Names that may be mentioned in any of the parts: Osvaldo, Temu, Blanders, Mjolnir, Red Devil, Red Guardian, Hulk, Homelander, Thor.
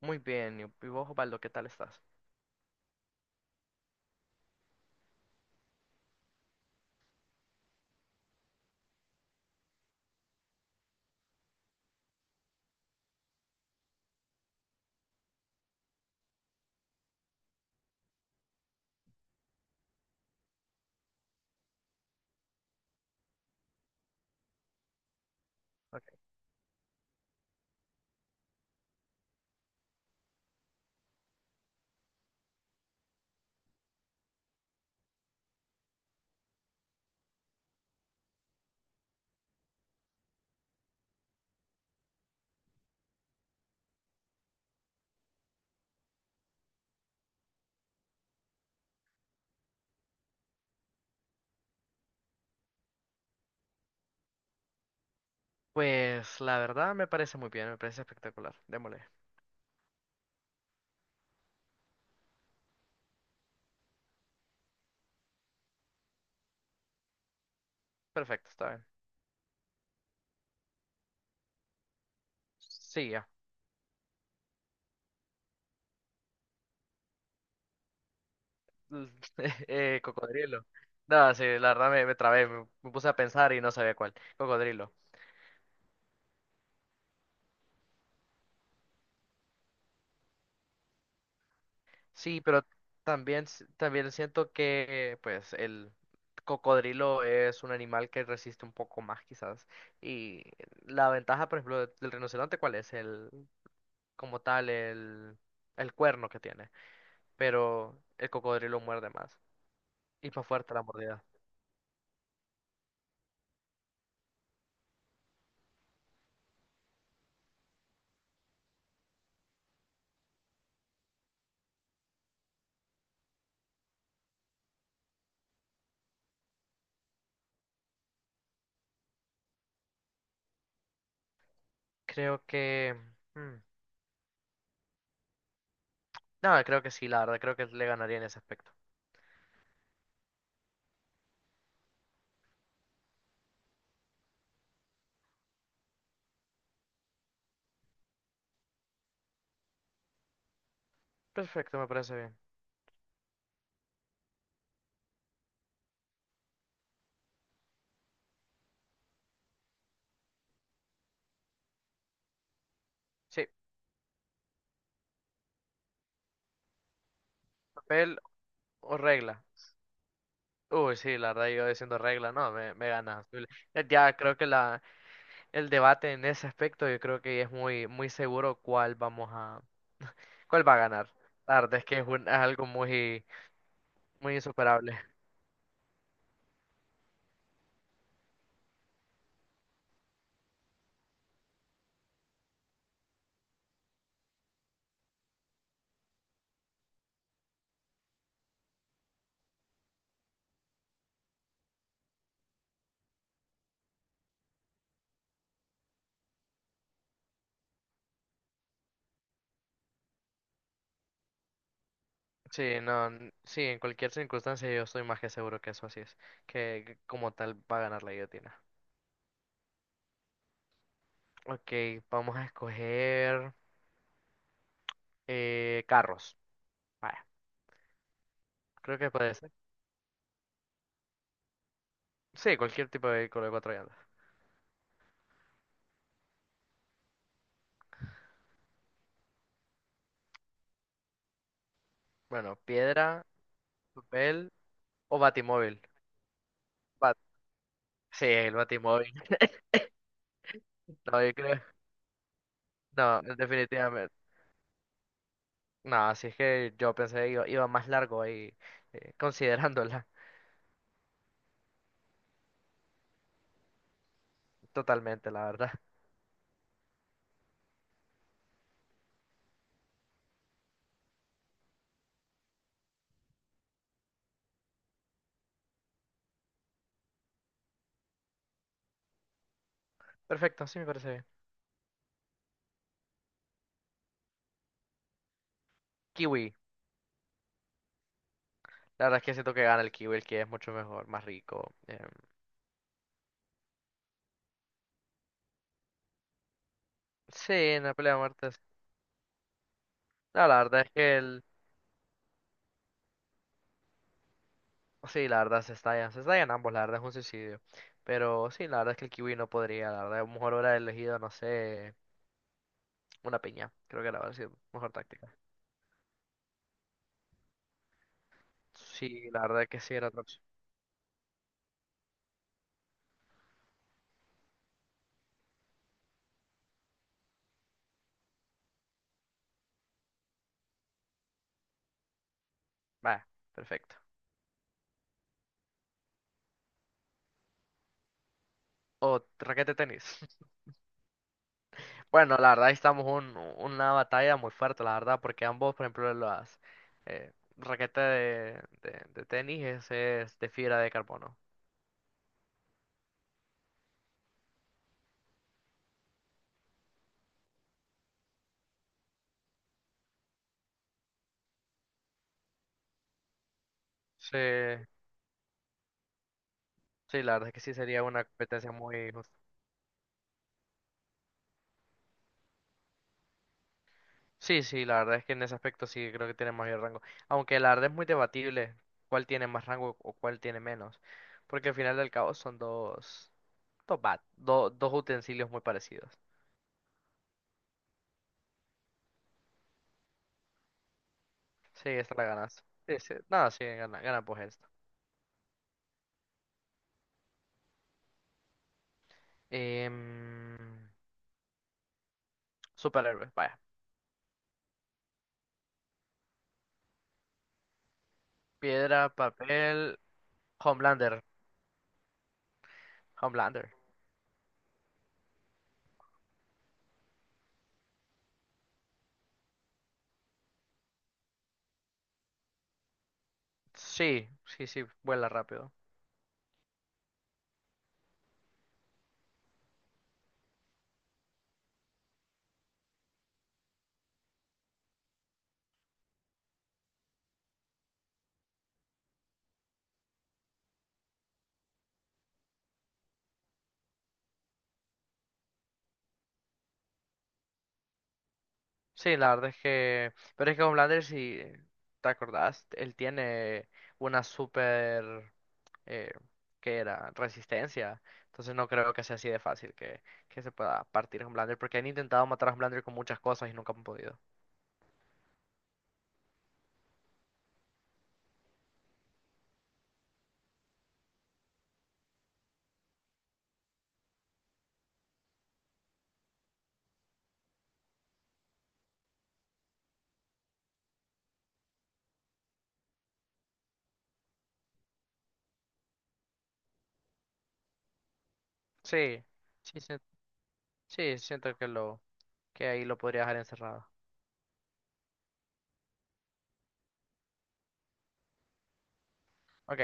Muy bien, y vos, Osvaldo, ¿qué tal estás? Ok. Pues la verdad me parece muy bien, me parece espectacular. Démosle. Perfecto, está bien. Sí, ya. Cocodrilo. No, sí, la verdad me trabé, me puse a pensar y no sabía cuál. Cocodrilo. Sí, pero también, también siento que pues el cocodrilo es un animal que resiste un poco más quizás. Y la ventaja, por ejemplo, del rinoceronte, ¿cuál es? El, como tal, el cuerno que tiene. Pero el cocodrilo muerde más. Y fue fuerte la mordida. Creo que… mm, no, creo que sí, la verdad, creo que le ganaría en ese aspecto. Perfecto, me parece bien. Sí, papel o regla. Uy, sí, la verdad, yo diciendo regla, no, me gana. Ya creo que el debate en ese aspecto, yo creo que es muy, muy seguro cuál cuál va a ganar. La verdad es que es, es algo muy, muy insuperable. Sí, no, sí, en cualquier circunstancia yo estoy más que seguro que eso así es, que como tal va a ganar la guillotina. Ok, vamos a escoger carros. Vaya, creo que puede ser. Sí, cualquier tipo de vehículo de cuatro llantas. Bueno, piedra, papel o batimóvil. Bat- sí, el batimóvil. No, yo creo. No, definitivamente. No, así es que yo pensé que iba más largo ahí, considerándola totalmente, la verdad. Perfecto, sí me parece bien. Kiwi. La verdad es que siento que gana el kiwi, el que es mucho mejor, más rico. Sí, en la pelea de muertes. No, la verdad es que el… Sí, la verdad se estallan. Se estallan ambos, la verdad es un suicidio. Pero sí, la verdad es que el kiwi no podría, la verdad. A lo mejor hubiera elegido, no sé, una piña. Creo que la verdad sido mejor táctica. Sí, la verdad es que sí era otra opción. Vaya, perfecto. O raquete de tenis. Bueno, la verdad ahí estamos en una batalla muy fuerte, la verdad, porque ambos, por ejemplo, las… raqueta de tenis es de fibra de carbono. Sí, sí, la verdad es que sí sería una competencia muy justa. Sí, sí, la verdad es que en ese aspecto sí creo que tiene mayor rango. Aunque la verdad es muy debatible cuál tiene más rango o cuál tiene menos. Porque al final del cabo son dos utensilios muy parecidos. Sí, esta la ganas. Sí, sí. No, sí, gana, gana pues esto. Em, superhéroes, vaya. Piedra, papel, Homelander. Homelander. Sí, sí, sí, vuela rápido. Sí, la verdad es que. Pero es que con Blanders, si te acordás, él tiene una super. Eh, ¿Qué era? Resistencia. Entonces no creo que sea así de fácil que se pueda partir con Blanders, porque han intentado matar a Blanders con muchas cosas y nunca han podido. Sí, sí, sí, sí, siento que ahí lo podría dejar encerrado. Ok,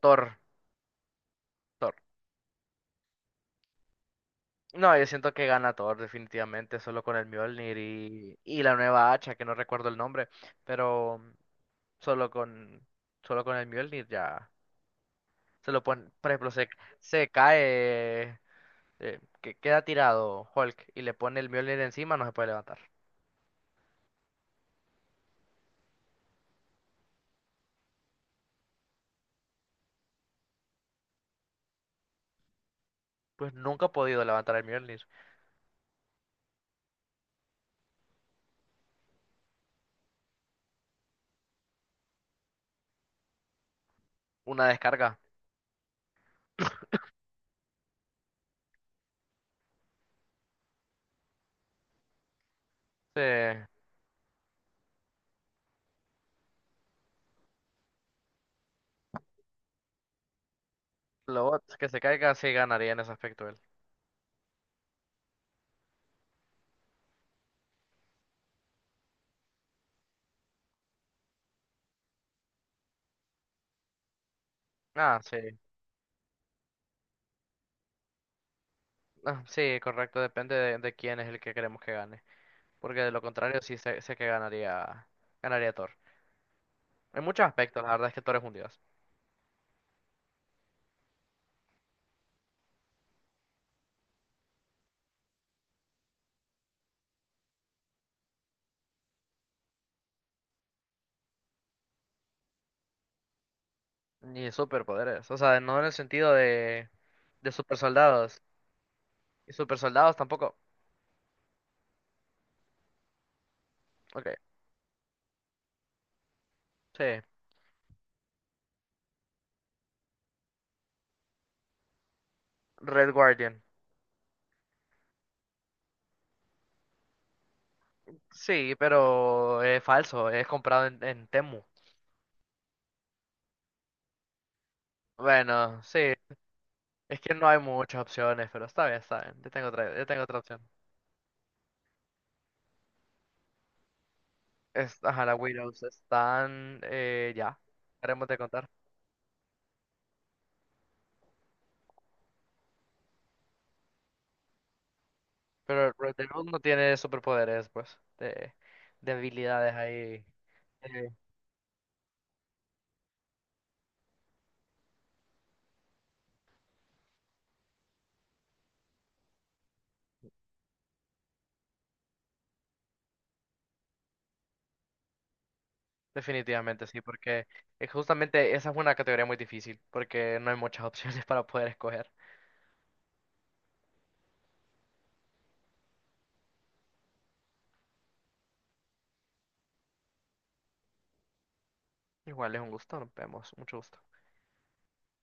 Thor, Thor. No, yo siento que gana Thor definitivamente, solo con el Mjolnir y la nueva hacha, que no recuerdo el nombre, pero solo con, solo con el Mjolnir ya se lo pone. Por ejemplo, se cae, que queda tirado Hulk y le pone el Mjolnir encima, no se puede levantar. Pues nunca ha podido levantar el Mjolnir. Una descarga. Se, lo que se caiga sí ganaría en ese aspecto él. Ah, sí. Ah, sí, correcto. Depende de quién es el que queremos que gane. Porque de lo contrario sí sé, sé que ganaría, ganaría Thor. En muchos aspectos, la verdad es que Thor es un dios. Ni superpoderes. O sea, no en el sentido de super. ¿Y super soldados tampoco? Ok, sí. Red Guardian. Sí, pero es falso, es comprado en Temu. Bueno, sí, es que no hay muchas opciones, pero está bien, está bien. Yo tengo otra opción. Es, ajá, las Widows están, ya, haremos de contar. Pero Red Devil no tiene superpoderes, pues, de habilidades ahí. eh, definitivamente sí, porque justamente esa es una categoría muy difícil, porque no hay muchas opciones para poder escoger. Igual es un gusto, nos vemos. Mucho gusto.